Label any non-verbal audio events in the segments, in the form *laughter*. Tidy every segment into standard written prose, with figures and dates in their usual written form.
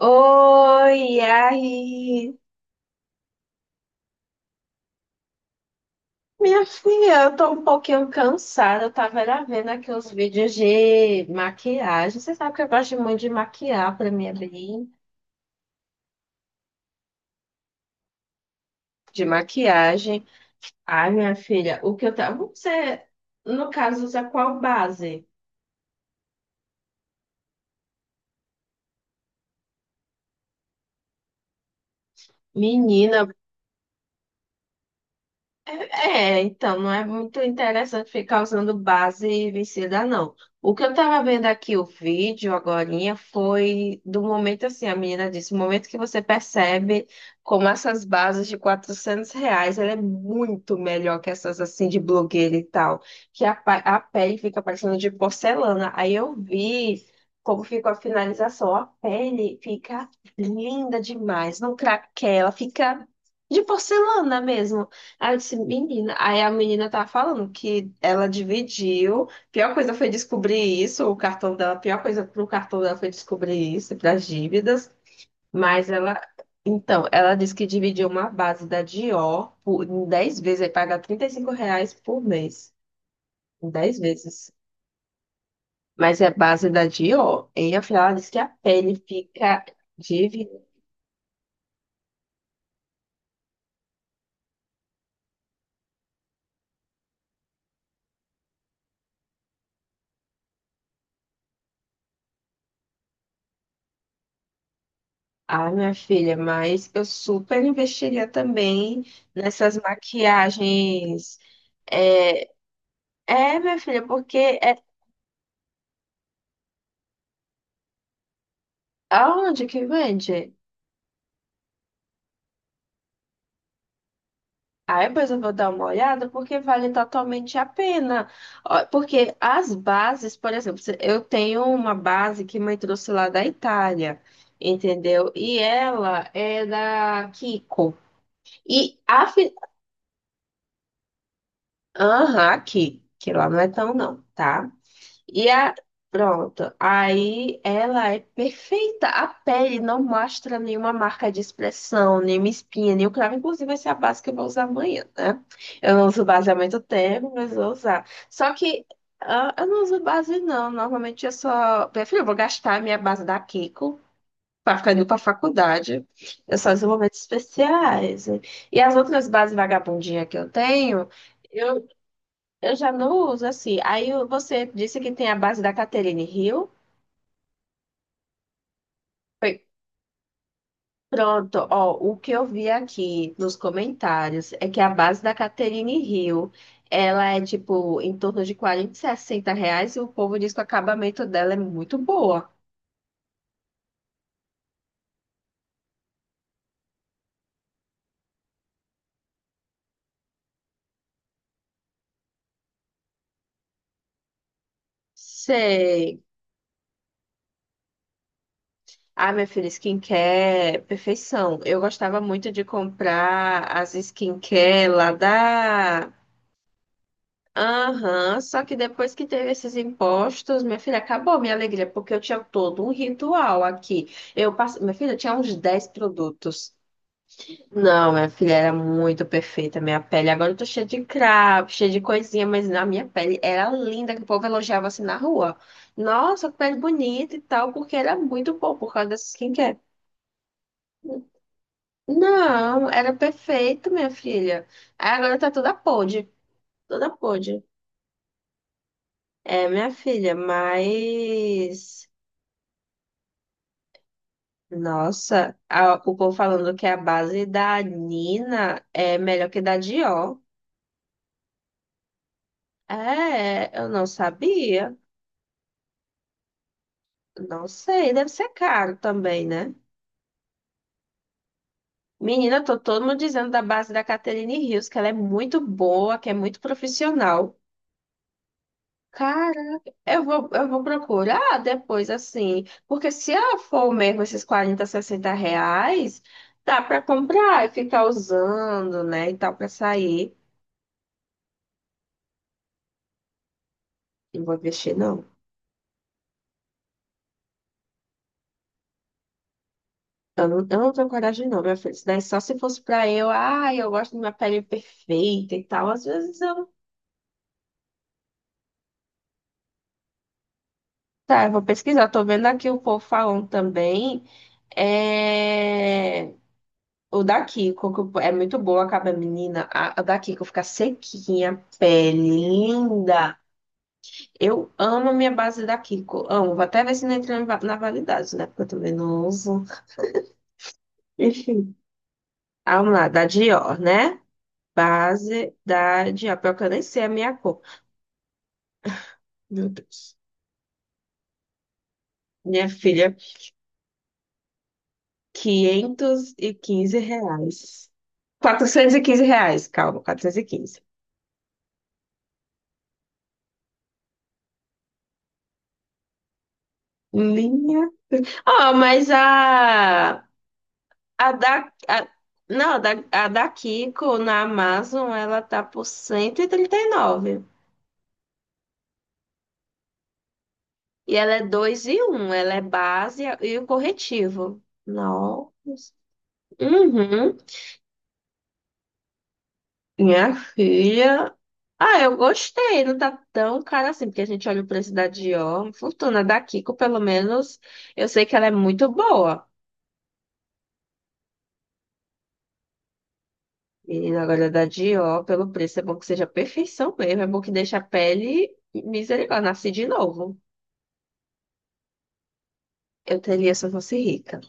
Oi, e aí? Minha filha, eu tô um pouquinho cansada. Eu tava era vendo aqui os vídeos de maquiagem. Você sabe que eu gosto muito de maquiar, pra mim é bem de maquiagem. Ai, minha filha, o que eu tava. Você, no caso, usa qual base? Menina, é, então, não é muito interessante ficar usando base vencida, não. O que eu tava vendo aqui, o vídeo agorinha, foi do momento assim, a menina disse, o momento que você percebe como essas bases de 400 reais, ela é muito melhor que essas assim de blogueira e tal, que a pele fica parecendo de porcelana. Aí eu vi como ficou a finalização, a pele fica linda demais, não craquela, fica de porcelana mesmo. Aí eu disse, menina. Aí a menina tá falando que ela dividiu. Pior coisa foi descobrir isso, o cartão dela. Pior coisa pro cartão dela foi descobrir isso, pras dívidas. Mas ela. Então, ela disse que dividiu uma base da Dior por, em 10 vezes, aí paga 35 reais por mês. Em 10 vezes. Mas é base da Dior. E afinal, ela disse que a pele fica. Dívida. Ah, minha filha, mas eu super investiria também nessas maquiagens. É, é, minha filha, porque é aonde que vende? Aí depois eu vou dar uma olhada porque vale totalmente a pena. Ó, porque as bases, por exemplo, eu tenho uma base que mãe trouxe lá da Itália, entendeu? E ela é da Kiko. E a, fi- aham, aqui, que lá não é tão não, tá? E a... Pronto. Aí ela é perfeita. A pele não mostra nenhuma marca de expressão, nenhuma espinha, nenhum cravo. Inclusive, vai ser a base que eu vou usar amanhã, né? Eu não uso base há muito tempo, mas vou usar. Só que ah, eu não uso base, não. Normalmente eu só... Prefiro, eu vou gastar a minha base da Kiko para ficar indo para faculdade. Eu só uso em momentos especiais. E as outras bases vagabundinhas que eu tenho, eu eu já não uso assim. Aí você disse que tem a base da Catherine Hill. Foi. Pronto, ó, o que eu vi aqui nos comentários é que a base da Catherine Hill, ela é tipo em torno de 40, 60 reais, e o povo diz que o acabamento dela é muito boa. Sei. Ah, minha filha, skincare, perfeição. Eu gostava muito de comprar as skincare lá da... Aham, só que depois que teve esses impostos, minha filha, acabou minha alegria, porque eu tinha todo um ritual aqui. Minha filha, eu tinha uns 10 produtos. Não, minha filha, era muito perfeita minha pele. Agora eu tô cheia de cravo, cheia de coisinha, mas na minha pele era linda, que o povo elogiava assim na rua. Nossa, que pele bonita e tal, porque era muito bom por causa dessa skincare. Não, era perfeito, minha filha. Aí agora tá toda podre, toda podre. É, minha filha, mas, nossa, o povo falando que a base da Nina é melhor que da Dior. É, eu não sabia. Não sei, deve ser caro também, né? Menina, tô todo mundo dizendo da base da Catherine Rios, que ela é muito boa, que é muito profissional. Caraca, eu vou procurar depois, assim. Porque se ela for mesmo esses 40, 60 reais, dá pra comprar e ficar usando, né? E tal, pra sair. Não vou investir, não. Eu não tenho coragem, não, minha filha. Isso daí só se fosse pra eu, ai, eu gosto de minha pele perfeita e tal. Às vezes eu. Tá, eu vou pesquisar. Tô vendo aqui o povo falando também. É. O da Kiko, que é muito boa acaba menina. A da Kiko fica sequinha, pele linda. Eu amo a minha base da Kiko. Amo. Vou até ver se não entra na validade, né? Porque eu também não uso. Enfim. Ah, vamos lá, da Dior, né? Base da Dior. Pior que eu nem sei a minha cor. Meu Deus. Minha filha, 515 reais. 415 reais, calma, 415. Minha. Ó, mas a da. a- não, a da Kiko na Amazon, ela tá por 130 e nove. E ela é 2 e um, ela é base e o corretivo. Nossa. Uhum. Minha filha. Ah, eu gostei, não tá tão cara assim, porque a gente olha o preço da Dior. Fortuna da Kiko, pelo menos, eu sei que ela é muito boa. E agora da Dior, pelo preço, é bom que seja perfeição mesmo, é bom que deixe a pele misericórdia, nasce de novo. Eu teria se eu fosse rica.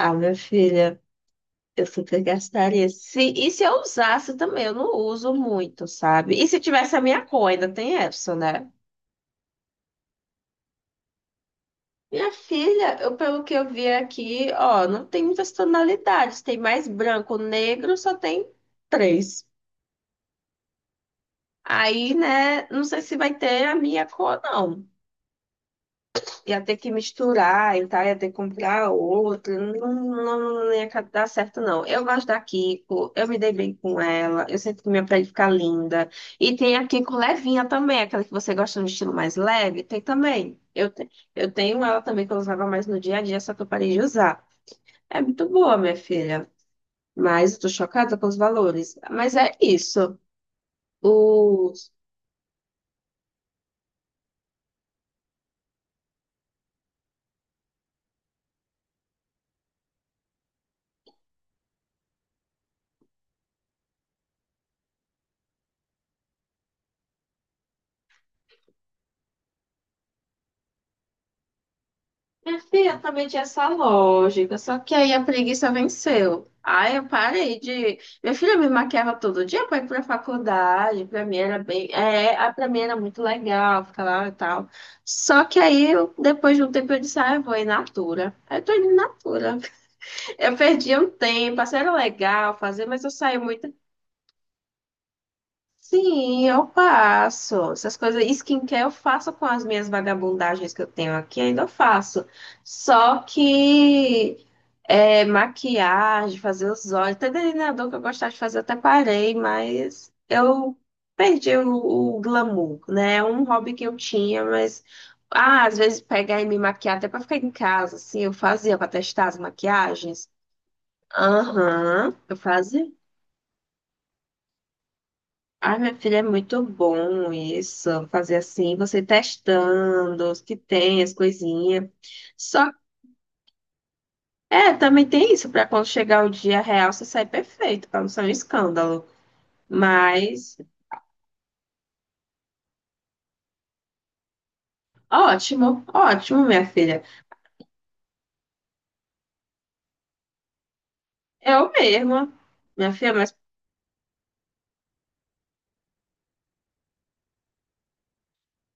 Ah, minha filha, eu super gastaria. Se, e se eu usasse também, eu não uso muito, sabe? E se tivesse a minha cor, ainda tem essa, né? Minha filha, eu, pelo que eu vi aqui, ó, não tem muitas tonalidades, tem mais branco, negro, só tem três. Aí, né, não sei se vai ter a minha cor, não. Ia ter que misturar e tal, ia ter que comprar outra, não, não, não ia dar certo, não. Eu gosto da Kiko, eu me dei bem com ela, eu sinto que minha pele fica linda. E tem a Kiko levinha também, aquela que você gosta no estilo mais leve, tem também. Eu tenho ela também que eu usava mais no dia a dia, só que eu parei de usar. É muito boa, minha filha. Mas eu tô chocada com os valores. Mas é isso. Os... Minha filha também tinha essa lógica, só que aí a preguiça venceu. Aí eu parei de. Minha filha me maquiava todo dia para ir pra faculdade. Pra mim era bem. É, pra mim era muito legal ficar lá e tal. Só que aí, depois de um tempo, eu disse: ah, eu vou em Natura. Aí eu tô indo em Natura. Eu perdi um tempo, assim, era legal fazer, mas eu saí muito. Sim, eu faço. Essas coisas, skincare eu faço com as minhas vagabundagens que eu tenho aqui, ainda eu faço. Só que é, maquiagem, fazer os olhos, até delineador que eu gostava de fazer, eu até parei, mas eu perdi o glamour, né? É um hobby que eu tinha, mas ah, às vezes pegar e me maquiar até pra ficar em casa, assim, eu fazia pra testar as maquiagens. Aham, eu fazia. Ai, minha filha, é muito bom isso, fazer assim, você testando os que tem, as coisinhas. Só, é, também tem isso, para quando chegar o dia real, você sair perfeito, para não ser um escândalo. Mas, ótimo, ótimo, minha filha. Eu mesma, minha filha.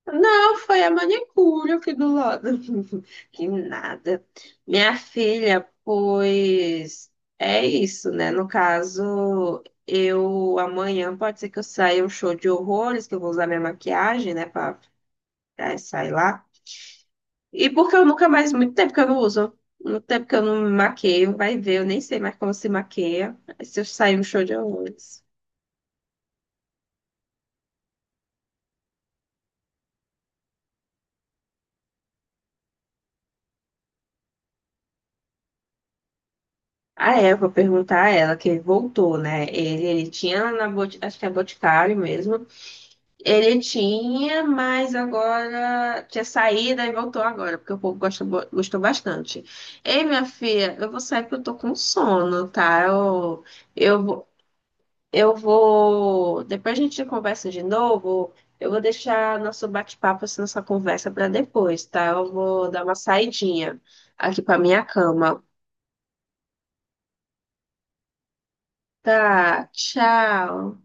Não, foi a manicure aqui do lado. *laughs* Que nada. Minha filha, pois é isso, né? No caso, eu amanhã pode ser que eu saia um show de horrores, que eu vou usar minha maquiagem, né, pra sair lá. E porque eu nunca mais, muito tempo que eu não uso, muito tempo que eu não me maqueio, vai ver, eu nem sei mais como se maqueia. Se eu sair um show de horrores. Ah, é, eu vou perguntar a ela, que ele voltou, né? Ele tinha acho que é Boticário mesmo. Ele tinha, mas agora tinha saída e voltou agora, porque o povo gosta, gostou bastante. Ei, minha filha, eu vou sair porque eu tô com sono, tá? Eu, vou- eu vou. Depois a gente conversa de novo. Eu vou deixar nosso bate-papo, assim, nossa conversa para depois, tá? Eu vou dar uma saidinha aqui para minha cama. Tá, tchau.